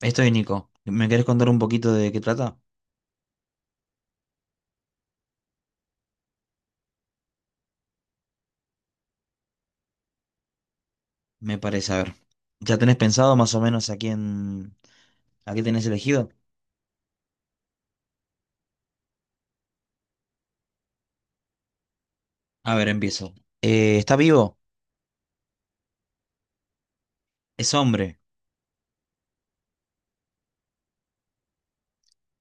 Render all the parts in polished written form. Estoy Nico. ¿Me querés contar un poquito de qué trata? Me parece, a ver. ¿Ya tenés pensado más o menos a quién, a qué tenés elegido? A ver, empiezo. ¿Está vivo? Es hombre.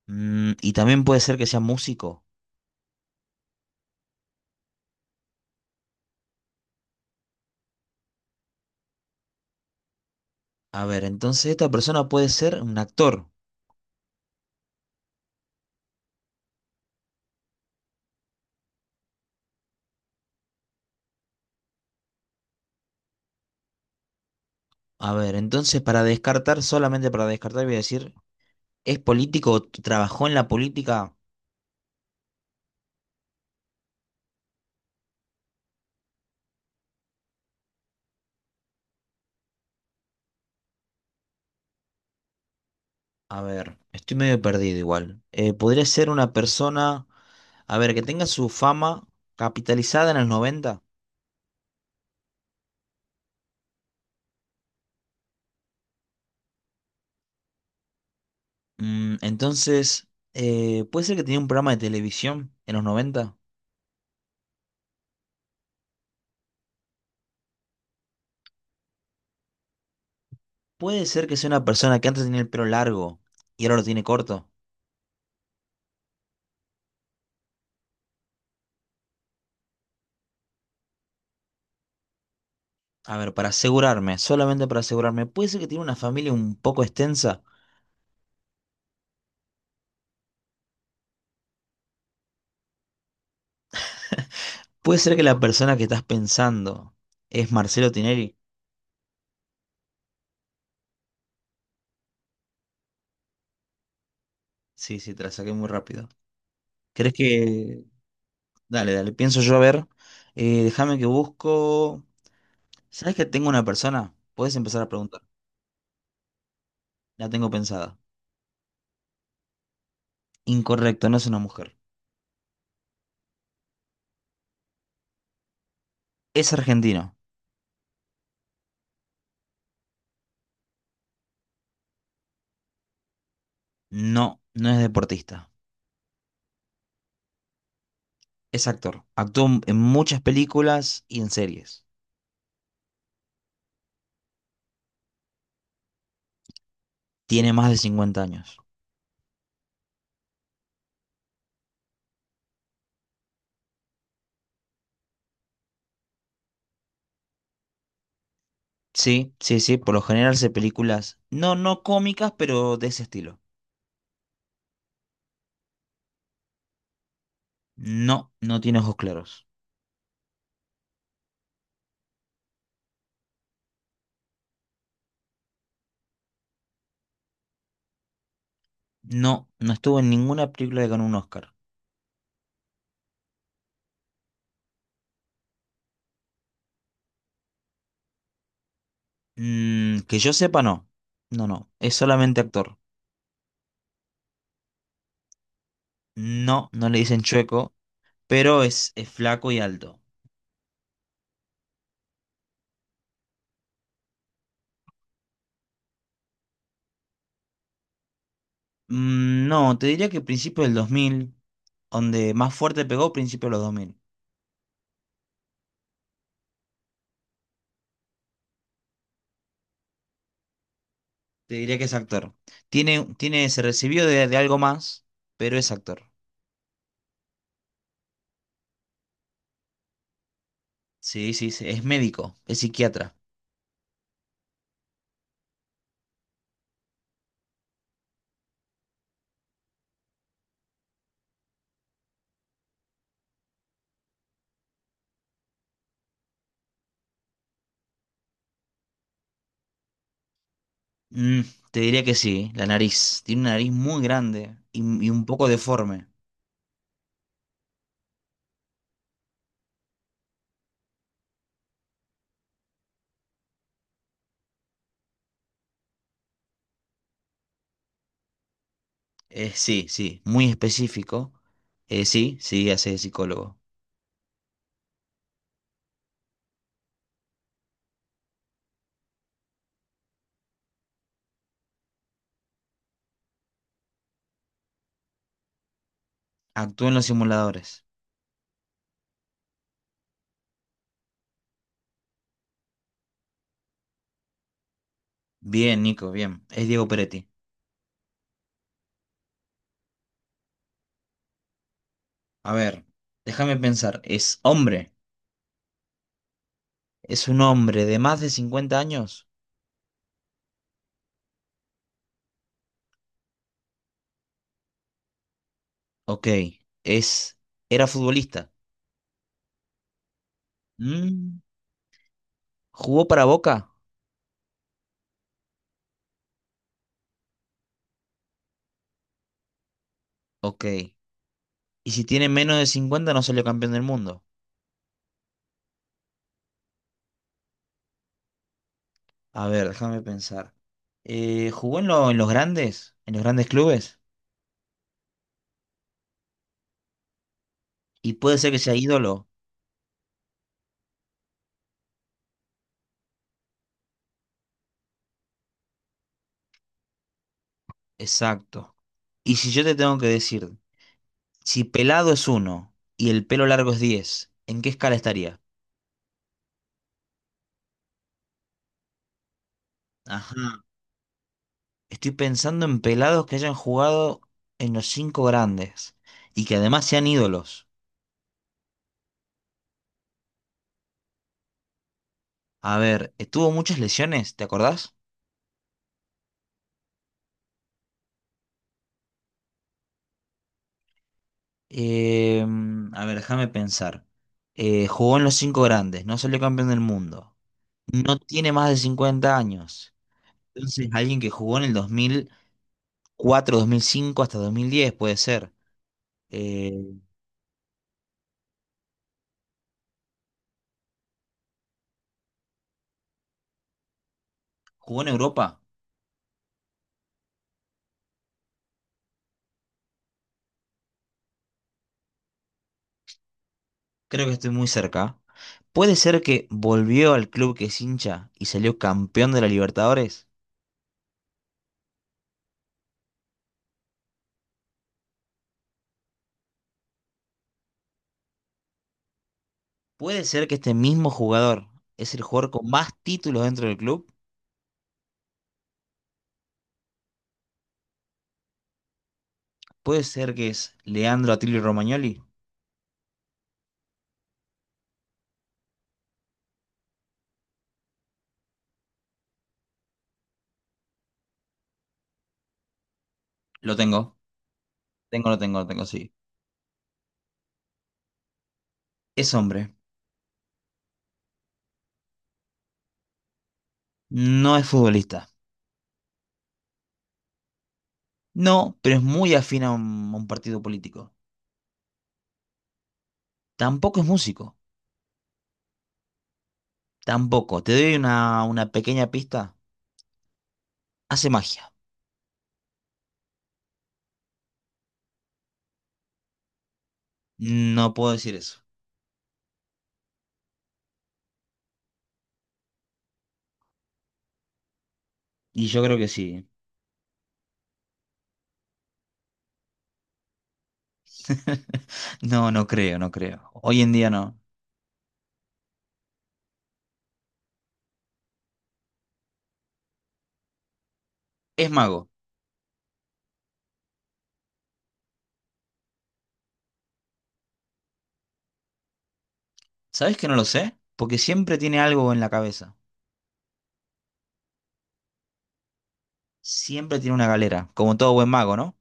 Y también puede ser que sea músico. A ver, entonces esta persona puede ser un actor. A ver, entonces para descartar, solamente para descartar, voy a decir, ¿es político o trabajó en la política? A ver, estoy medio perdido igual. Podría ser una persona, a ver, que tenga su fama capitalizada en el 90. Entonces, puede ser que tenía un programa de televisión en los 90. Puede ser que sea una persona que antes tenía el pelo largo y ahora lo tiene corto. A ver, para asegurarme, solamente para asegurarme, puede ser que tiene una familia un poco extensa. Puede ser que la persona que estás pensando es Marcelo Tinelli. Sí, sí, te la saqué muy rápido. ¿Crees que...? Dale, dale, pienso yo a ver. Déjame que busco... ¿Sabes que tengo una persona? Puedes empezar a preguntar. La tengo pensada. Incorrecto, no es una mujer. Es argentino. No, no es deportista. Es actor. Actuó en muchas películas y en series. Tiene más de 50 años. Sí, sí, sí. Por lo general hace películas, no, no cómicas, pero de ese estilo. No, no tiene ojos claros. No, no estuvo en ninguna película que ganó un Oscar. Que yo sepa, no. No, no. Es solamente actor. No, no le dicen chueco, pero es flaco y alto. No, te diría que principio del 2000, donde más fuerte pegó, principio de los 2000. Te diría que es actor. Tiene, se recibió de algo más, pero es actor. Sí, sí, sí, es médico, es psiquiatra. Mm, te diría que sí, la nariz. Tiene una nariz muy grande y un poco deforme. Sí, sí, muy específico. Sí, sí, hace de psicólogo. Actúa en los simuladores. Bien, Nico, bien. Es Diego Peretti. A ver, déjame pensar. ¿Es hombre? ¿Es un hombre de más de 50 años? Ok. Es, era futbolista. Mm, ¿Jugó para Boca? Ok. ¿Y si tiene menos de 50, no salió campeón del mundo? A ver, déjame pensar. ¿Jugó en los grandes? ¿En los grandes clubes? Y puede ser que sea ídolo. Exacto. Y si yo te tengo que decir, si pelado es uno y el pelo largo es 10, ¿en qué escala estaría? Ajá. Estoy pensando en pelados que hayan jugado en los cinco grandes y que además sean ídolos. A ver, ¿tuvo muchas lesiones? ¿Te acordás? Eh, a ver, déjame pensar. Jugó en los cinco grandes, no salió campeón del mundo. No tiene más de 50 años. Entonces, alguien que jugó en el 2004, 2005 hasta 2010 puede ser. Eh, ¿Jugó en Europa? Creo que estoy muy cerca. ¿Puede ser que volvió al club que es hincha y salió campeón de la Libertadores? ¿Puede ser que este mismo jugador es el jugador con más títulos dentro del club? ¿Puede ser que es Leandro Atilio Romagnoli? Lo tengo. Lo tengo, lo tengo, sí. Es hombre. No es futbolista. No, pero es muy afín a un partido político. Tampoco es músico. Tampoco. Te doy una pequeña pista. Hace magia. No puedo decir eso. Y yo creo que sí. No, no creo, no creo. Hoy en día no. Es mago. ¿Sabes que no lo sé? Porque siempre tiene algo en la cabeza. Siempre tiene una galera, como todo buen mago, ¿no?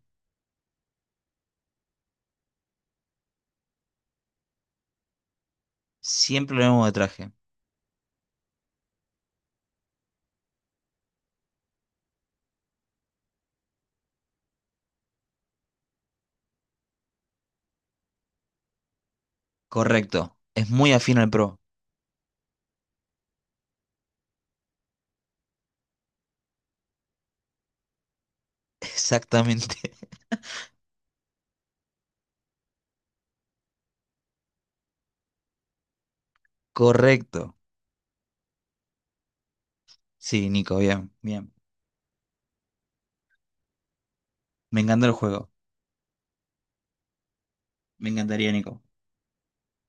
Siempre lo vemos de traje. Correcto. Es muy afín al pro. Exactamente. Correcto. Sí, Nico, bien, bien. Me encantó el juego. Me encantaría, Nico.